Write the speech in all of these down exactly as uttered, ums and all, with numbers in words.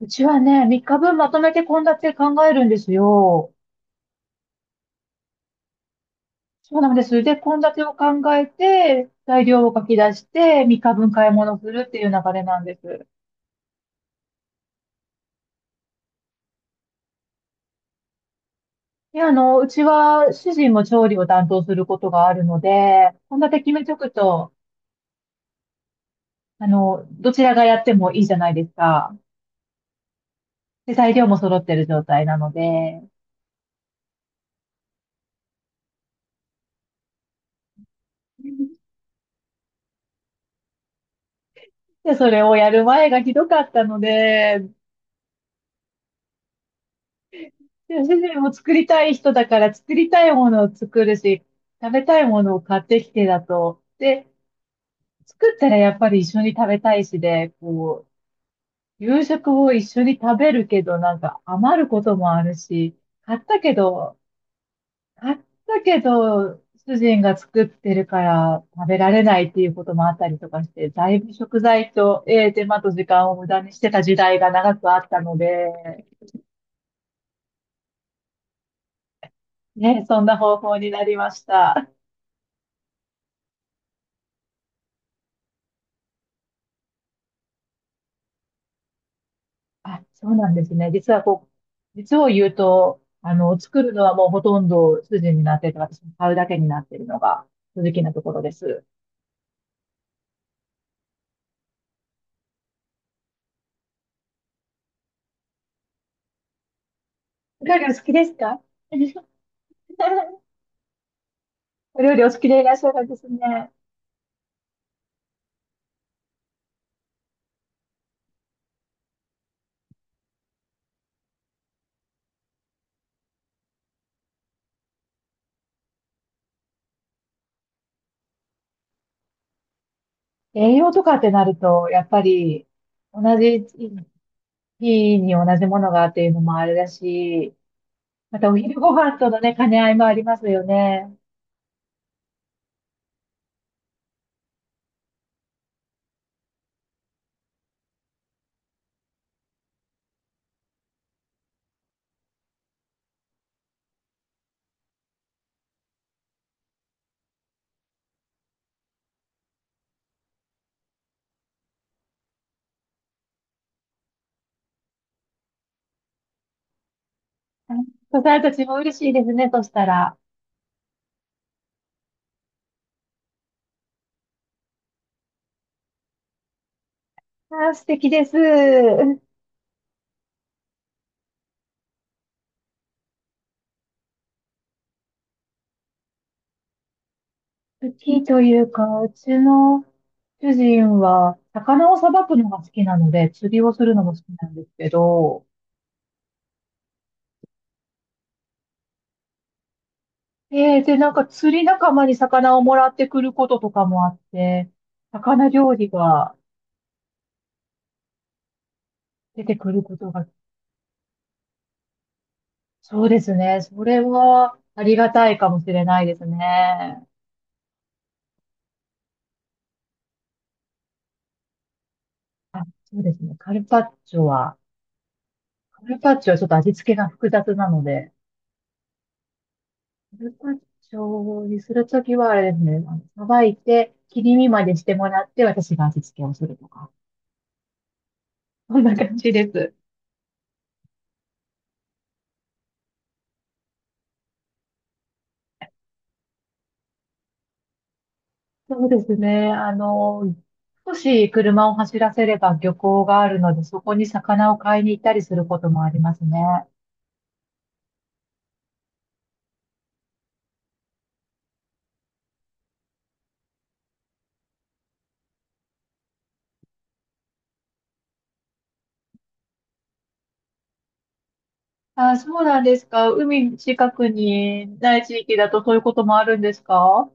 うちはね、みっかぶんまとめて献立考えるんですよ。そうなんです。で、献立を考えて、材料を書き出して、みっかぶん買い物するっていう流れなんです。で、あの、うちは主人も調理を担当することがあるので、献立決めとくと、あの、どちらがやってもいいじゃないですか。で、材料も揃ってる状態なので。で、それをやる前がひどかったので、でも主人も作りたい人だから作りたいものを作るし、食べたいものを買ってきてだと。で、作ったらやっぱり一緒に食べたいしで、こう、夕食を一緒に食べるけど、なんか余ることもあるし、買ったけど、買ったけど、主人が作ってるから食べられないっていうこともあったりとかして、だいぶ食材と、えー手間と時間を無駄にしてた時代が長くあったので、ね、そんな方法になりました。あ、そうなんですね。実はこう、実を言うと、あの、作るのはもうほとんど主人になっていて、私も買うだけになっているのが正直なところです。お料理お好きですか？ お料理お好きでいらっしゃるんですね。栄養とかってなると、やっぱり同じ日に同じものがっていうのもあれだし、またお昼ご飯とのね、兼ね合いもありますよね。あ、そうされたちも嬉しいですね、としたら。あー、素敵です。好きというか、うちの主人は、魚をさばくのが好きなので、釣りをするのも好きなんですけど、えー、で、なんか釣り仲間に魚をもらってくることとかもあって、魚料理が出てくることが、そうですね。それはありがたいかもしれないですね。あ、そうですね。カルパッチョは、カルパッチョはちょっと味付けが複雑なので、カルパッチョにするときは、あれですね、あのさばいて、切り身までしてもらって、私が味付けをするとか。そんな感じです。そうですね。あの、少し車を走らせれば漁港があるので、そこに魚を買いに行ったりすることもありますね。あ、そうなんですか。海近くにない地域だとそういうこともあるんですか？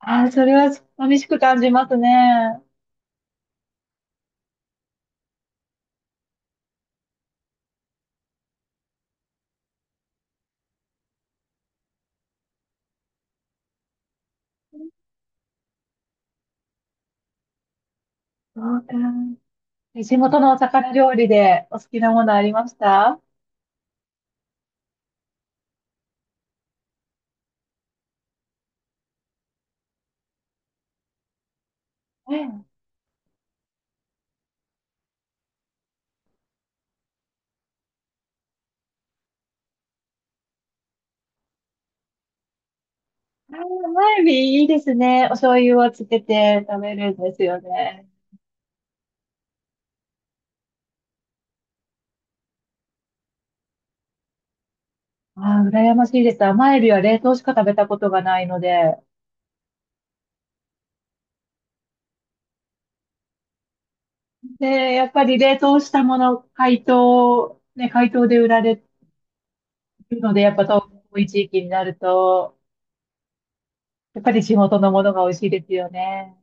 あ、それは寂しく感じますね。そうか。地元のお魚料理でお好きなものありました？ええ、あーマイビにいいですね。お醤油をつけて食べるんですよね。ああ、羨ましいです。甘エビは冷凍しか食べたことがないので。で、やっぱり冷凍したもの、解凍、ね、解凍で売られるので、やっぱ遠い地域になると、やっぱり地元のものが美味しいですよね。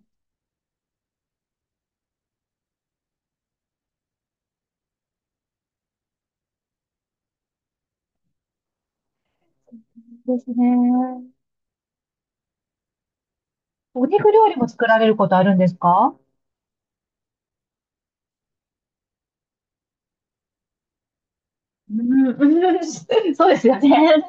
ですね。お肉料理も作られることあるんですか？うん、うん、 そうですよね。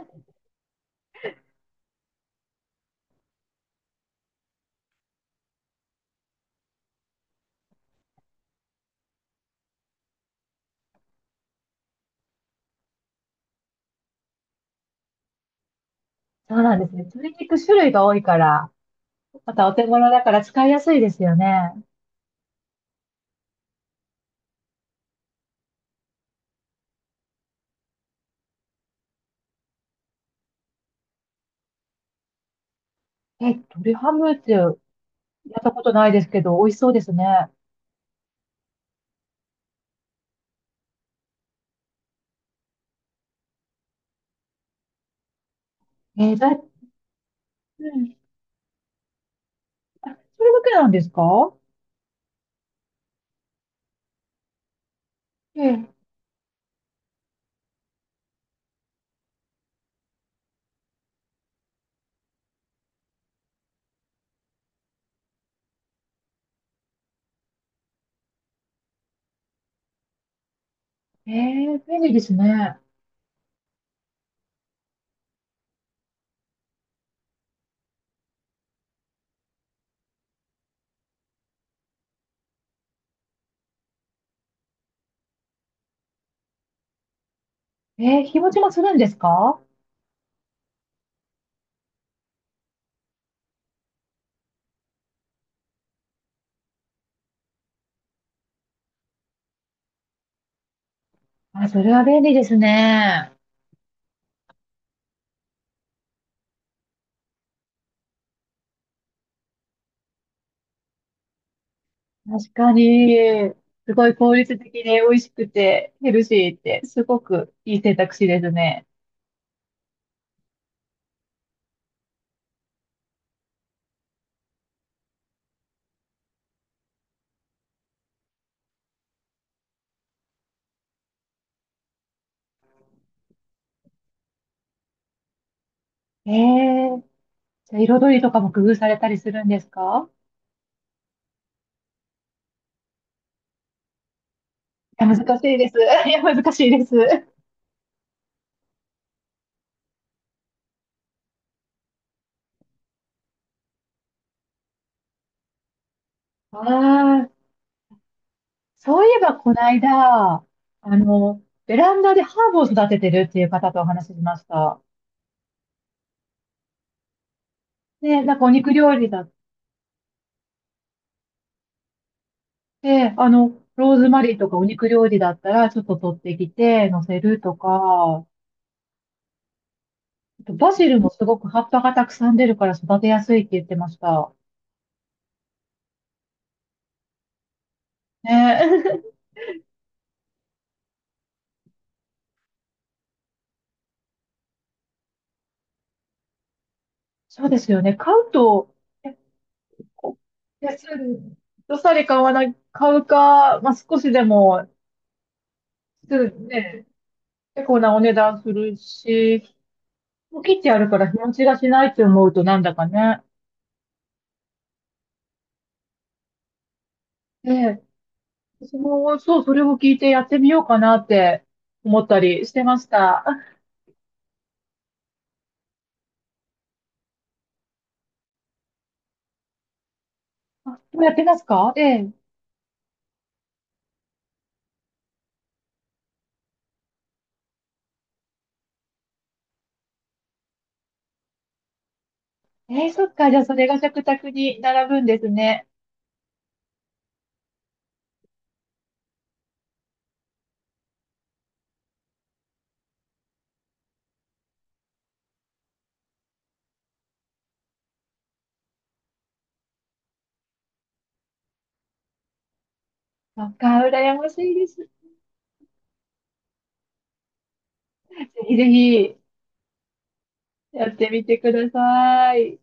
そうなんですね。鶏肉種類が多いから、またお手頃だから使いやすいですよね。え、鶏ハムってやったことないですけど、美味しそうですね。えー、だい、うん、それだけなんですか？ええ、えー便利ですね。えー、日持ちもするんですか？あ、それは便利ですね。確かに、すごい効率的で美味しくてヘルシーって、すごくいい選択肢ですね。えー、じゃあ彩りとかも工夫されたりするんですか？いや、難しいです。いや、難しいです。ああ、そういえば、この間、あの、ベランダでハーブを育ててるっていう方とお話ししました。で、なんかお肉料理だって、あの、ローズマリーとかお肉料理だったら、ちょっと取ってきて、乗せるとか、あとバジルもすごく葉っぱがたくさん出るから育てやすいって言ってました。ね、 そうですよね。買うと、え、こう、安い、どさり買わない、買うか、まあ、少しでも、すね、結構なお値段するし、もう切ってあるから日持ちがしないって思うとなんだかね。ええ。私も、そう、それを聞いてやってみようかなって思ったりしてました。あ、あもうやってますか、ええ。ええ、そっか。じゃあ、それが食卓に並ぶんですね。そっか、羨ましいです。ぜひぜひ、やってみてください。